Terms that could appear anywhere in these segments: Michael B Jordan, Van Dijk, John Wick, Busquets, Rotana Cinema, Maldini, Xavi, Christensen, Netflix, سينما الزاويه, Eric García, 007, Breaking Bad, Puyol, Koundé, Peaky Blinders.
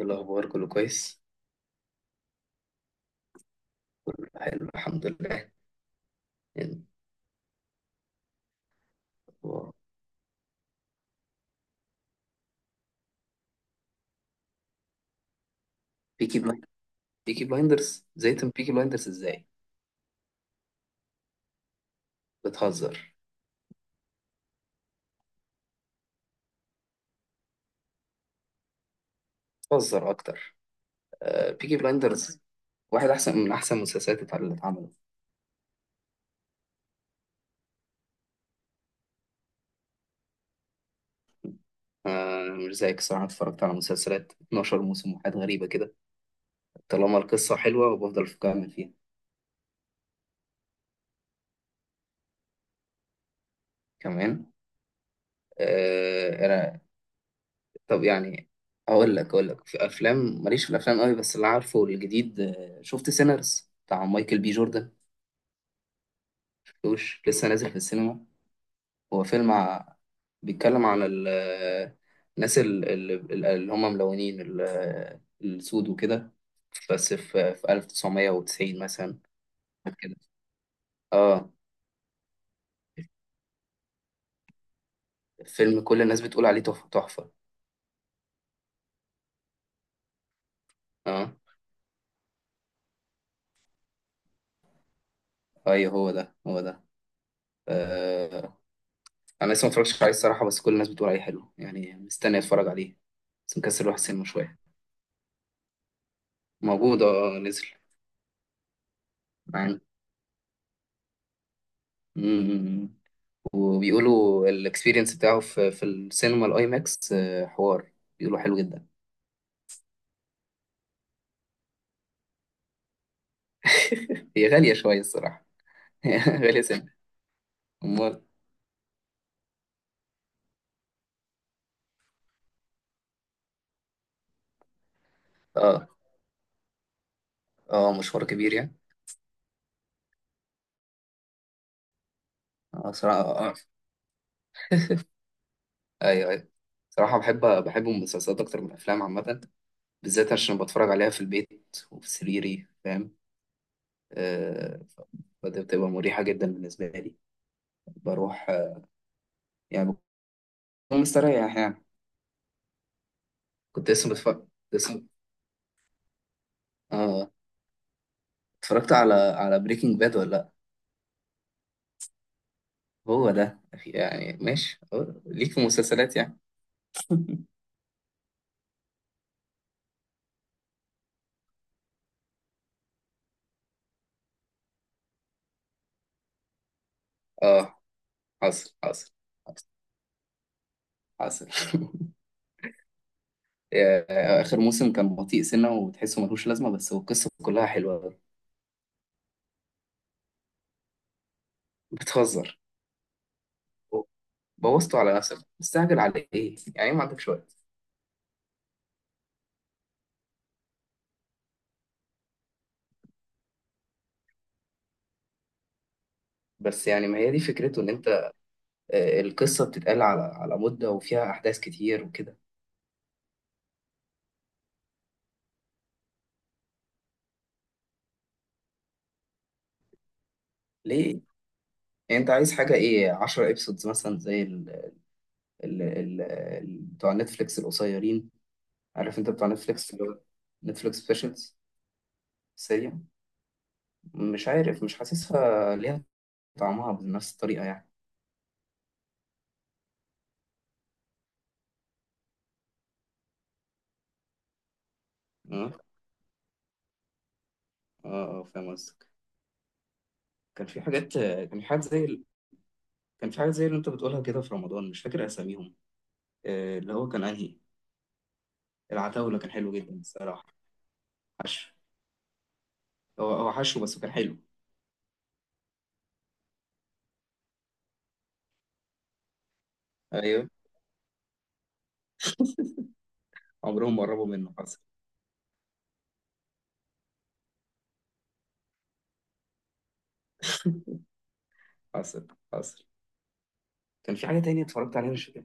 إيه الأخبار؟ كله كويس. كله حلو، الحمد لله. بيكي بلايندرز. بيكي بلايندرز زيتم بيكي بلايندرز إزاي؟ بتهزر. بتهزر أكتر. آه، بيكي بلايندرز واحد أحسن من أحسن المسلسلات اللي اتعملت. آه، مش زيك الصراحة، أنا اتفرجت على مسلسلات 12 موسم وحاجات غريبة كده. طالما القصة حلوة وبفضل أكمل فيها. كمان. آه، أنا... طب يعني، أقول لك في أفلام، ماليش في الأفلام قوي، بس اللي عارفه الجديد، شفت سينرز بتاع مايكل بي جوردن؟ شفتوش؟ لسه نازل في السينما. هو بيتكلم عن الناس اللي هم ملونين، السود وكده. بس في 1990 مثلا كده. اه. فيلم كل الناس بتقول عليه تحفة تحفة. اه، ايوه، هو ده هو ده. آه. انا لسه ما اتفرجتش عليه الصراحة، بس كل الناس بتقول عليه حلو يعني، مستني اتفرج عليه. بس مكسل اروح السينما شوية. موجود، اه، نزل معانا. وبيقولوا الاكسبيرينس بتاعه في السينما الاي ماكس، حوار. بيقولوا حلو جدا. هي غالية شوية الصراحة. غالية سنة. أمال. اه، اه، مشوار كبير يعني. اه، صراحة، اه. آه. ايوه، ايوه، صراحة بحب المسلسلات أكتر من الأفلام عامة. بالذات عشان بتفرج عليها في البيت وفي سريري، فاهم. آه، فدي بتبقى مريحة جدا بالنسبة لي. بروح، يعني، بكون مستريح يعني. كنت لسه بتفرج، لسه. اه، اتفرجت على بريكنج باد ولا لأ؟ هو ده. يعني ماشي، ليك في مسلسلات يعني. اه، حصل حصل. حصل. حصل. اخر موسم كان بطيء سنه وتحسه ملوش لازمه، بس هو القصه كلها حلوه أوي. بتهزر؟ بوظته على نفسك! مستعجل على ايه يعني؟ إيه، ما عندكش وقت؟ بس يعني ما هي دي فكرته، ان انت... القصه بتتقال على مده، وفيها احداث كتير وكده. ليه؟ يعني انت عايز حاجه ايه، 10 ابسودز مثلا زي بتوع نتفليكس القصيرين؟ عارف، انت بتاع نتفليكس، اللي هو نتفليكس سبيشلز. سيريا. مش عارف، مش حاسسها ليها طعمها بنفس الطريقة يعني. اه، اه، فاهم قصدك. كان في حاجات زي كان في حاجات زي اللي انت بتقولها كده في رمضان، مش فاكر اساميهم. اللي هو كان انهي؟ العتاولة، كان حلو جدا الصراحة. حشو. هو حشو، بس كان حلو. ايوه. عمرهم ما قربوا منه. حصل. حصل. حصل. كان في حاجة تانية اتفرجت عليها، مش فاكر.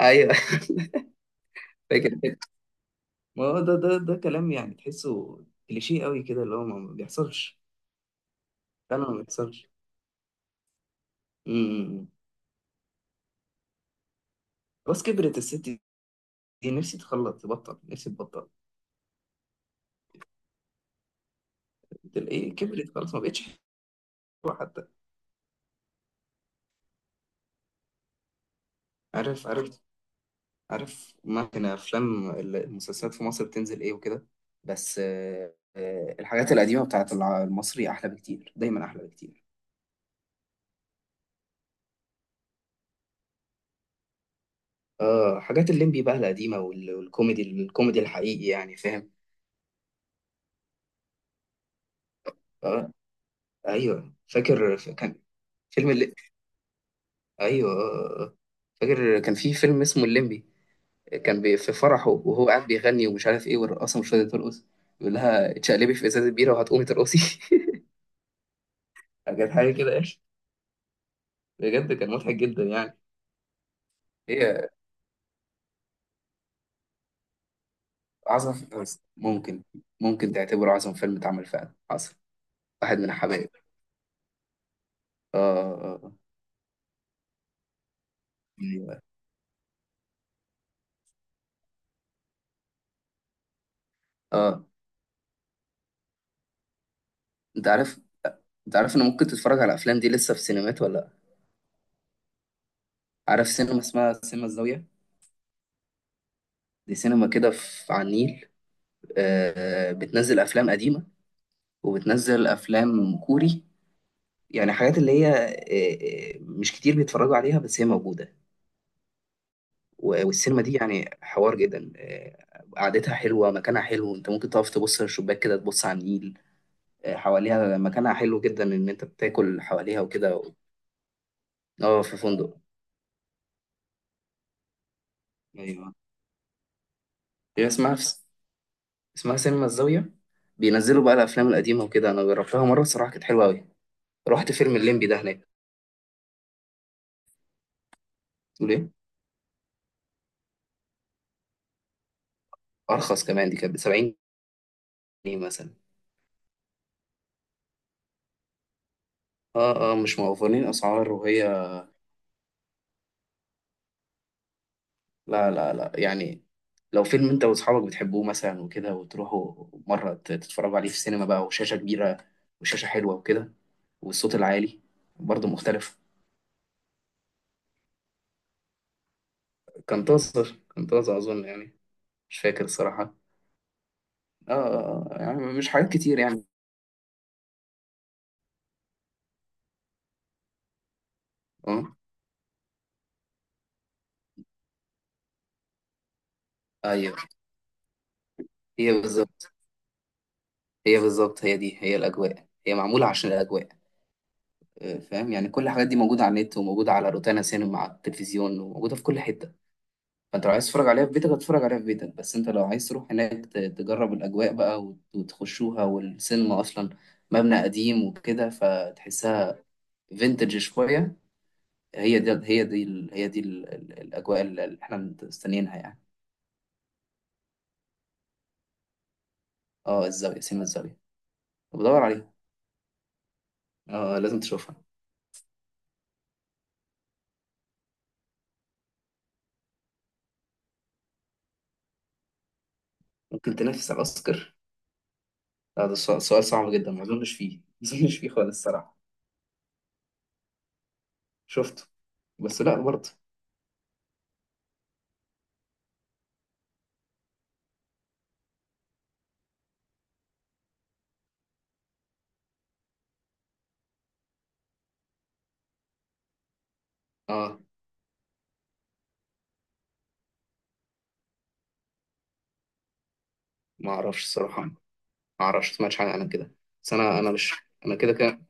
ايوه. فاكر. ما هو ده كلام، يعني تحسه كليشيه قوي كده، اللي هو ما بيحصلش. فعلا ما بيحصلش. امم بس كبرت الست دي، نفسي تخلص تبطل، نفسي تبطل. تلاقيه كبرت خلاص، ما بقتش حلوه حتى. عارف. عارف. عارف ممكن افلام المسلسلات في مصر بتنزل ايه وكده. بس الحاجات القديمه بتاعت المصري احلى بكتير، دايما احلى بكتير. اه، حاجات الليمبي بقى القديمه، الكوميدي الحقيقي يعني، فاهم. اه، ايوه، فاكر. كان فيلم. ايوه. آه. فاكر كان في فيلم اسمه الليمبي. في فرحه وهو قاعد بيغني ومش عارف ايه، والرقاصه مش راضيه ترقص. بيقول لها اتشقلبي في ازازه بيره وهتقومي ترقصي. كانت حاجه كده يا اخي، بجد كان مضحك جدا يعني. هي. عظم. ممكن ممكن تعتبره عظم فيلم اتعمل فعلا. حصل. واحد من الحبايب. اه، اه، اه. آه. انت عارف انت عارف ان ممكن تتفرج على الافلام دي لسه في سينمات ولا لأ؟ عارف سينما اسمها سينما الزاويه؟ دي سينما كده في على النيل. بتنزل افلام قديمه. وبتنزل افلام كوري. يعني حاجات اللي هي مش كتير بيتفرجوا عليها، بس هي موجوده. والسينما دي يعني حوار جدا، قعدتها حلوه، مكانها حلو، انت ممكن تقف تبص من الشباك كده تبص على النيل. حواليها مكانها حلو جدا، ان انت بتاكل حواليها وكده. اه، في فندق. ايوه. هي اسمها في اسمها سينما الزاويه. بينزلوا بقى الافلام القديمه وكده، انا جربتها مره الصراحه، كانت حلوه قوي. رحت فيلم الليمبي ده هناك، تقول ايه. ارخص كمان، دي كانت ب 70 جنيه مثلا. اه، اه، مش موفرين اسعار وهي. لا، لا، لا، يعني لو فيلم انت واصحابك بتحبوه مثلا وكده وتروحوا مرة تتفرجوا عليه في السينما بقى، وشاشة كبيرة، وشاشة حلوة وكده، والصوت العالي، برضه مختلف. كان طازر، كان طازة اظن يعني، مش فاكر الصراحة. اه، يعني مش حاجات كتير يعني. اه، ايوه. هي بالظبط، هي بالظبط، هي دي هي الاجواء، هي معمولة عشان الاجواء. فاهم يعني، كل الحاجات دي موجودة على النت وموجودة على روتانا سينما على التلفزيون وموجودة في كل حتة. فانت لو عايز تتفرج عليها في بيتك هتتفرج عليها في بيتك، بس انت لو عايز تروح هناك تجرب الاجواء بقى وتخشوها، والسينما اصلا مبنى قديم وكده، فتحسها فينتج شويه. هي دي الاجواء اللي احنا مستنيينها يعني. اه، الزاويه، سينما الزاويه. بدور عليها. اه، لازم تشوفها. ممكن تنافس على الاوسكار؟ لا، ده سؤال صعب جدا، ما اظنش فيه. ما اظنش فيه خالص الصراحه. شفته، بس لا برضه. اه، ما اعرفش الصراحه، ما سمعتش حاجه عن كده. بس انا مش... انا كده كده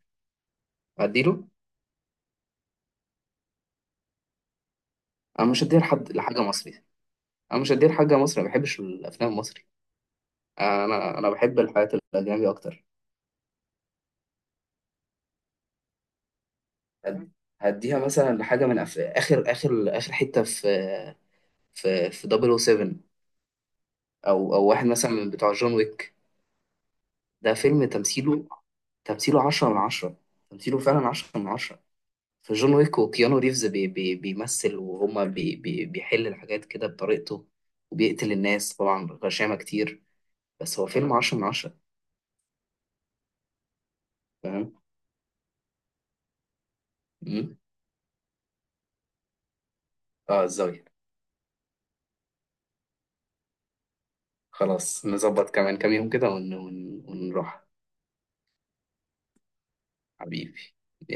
اديله. انا مش هديها لحد، لحاجه مصري. انا مش هديها لحاجه مصري، ما بحبش الافلام المصري. انا بحب الحاجات الاجنبي اكتر. هد- هديها مثلا لحاجه من اخر حته في في 007 او سبعة، او واحد مثلا من بتوع جون ويك. ده فيلم تمثيله 10 من 10. تمثيله فعلا 10 من 10. في جون ويك وكيانو ريفز بي بي بيمثل، وهما بي بي بيحل الحاجات كده بطريقته، وبيقتل الناس طبعا غشامة كتير. بس هو فيلم 10 من 10، فاهم؟ اه، الزاوية. خلاص، نظبط كمان كام يوم كده ونروح. حبيبي، يلا.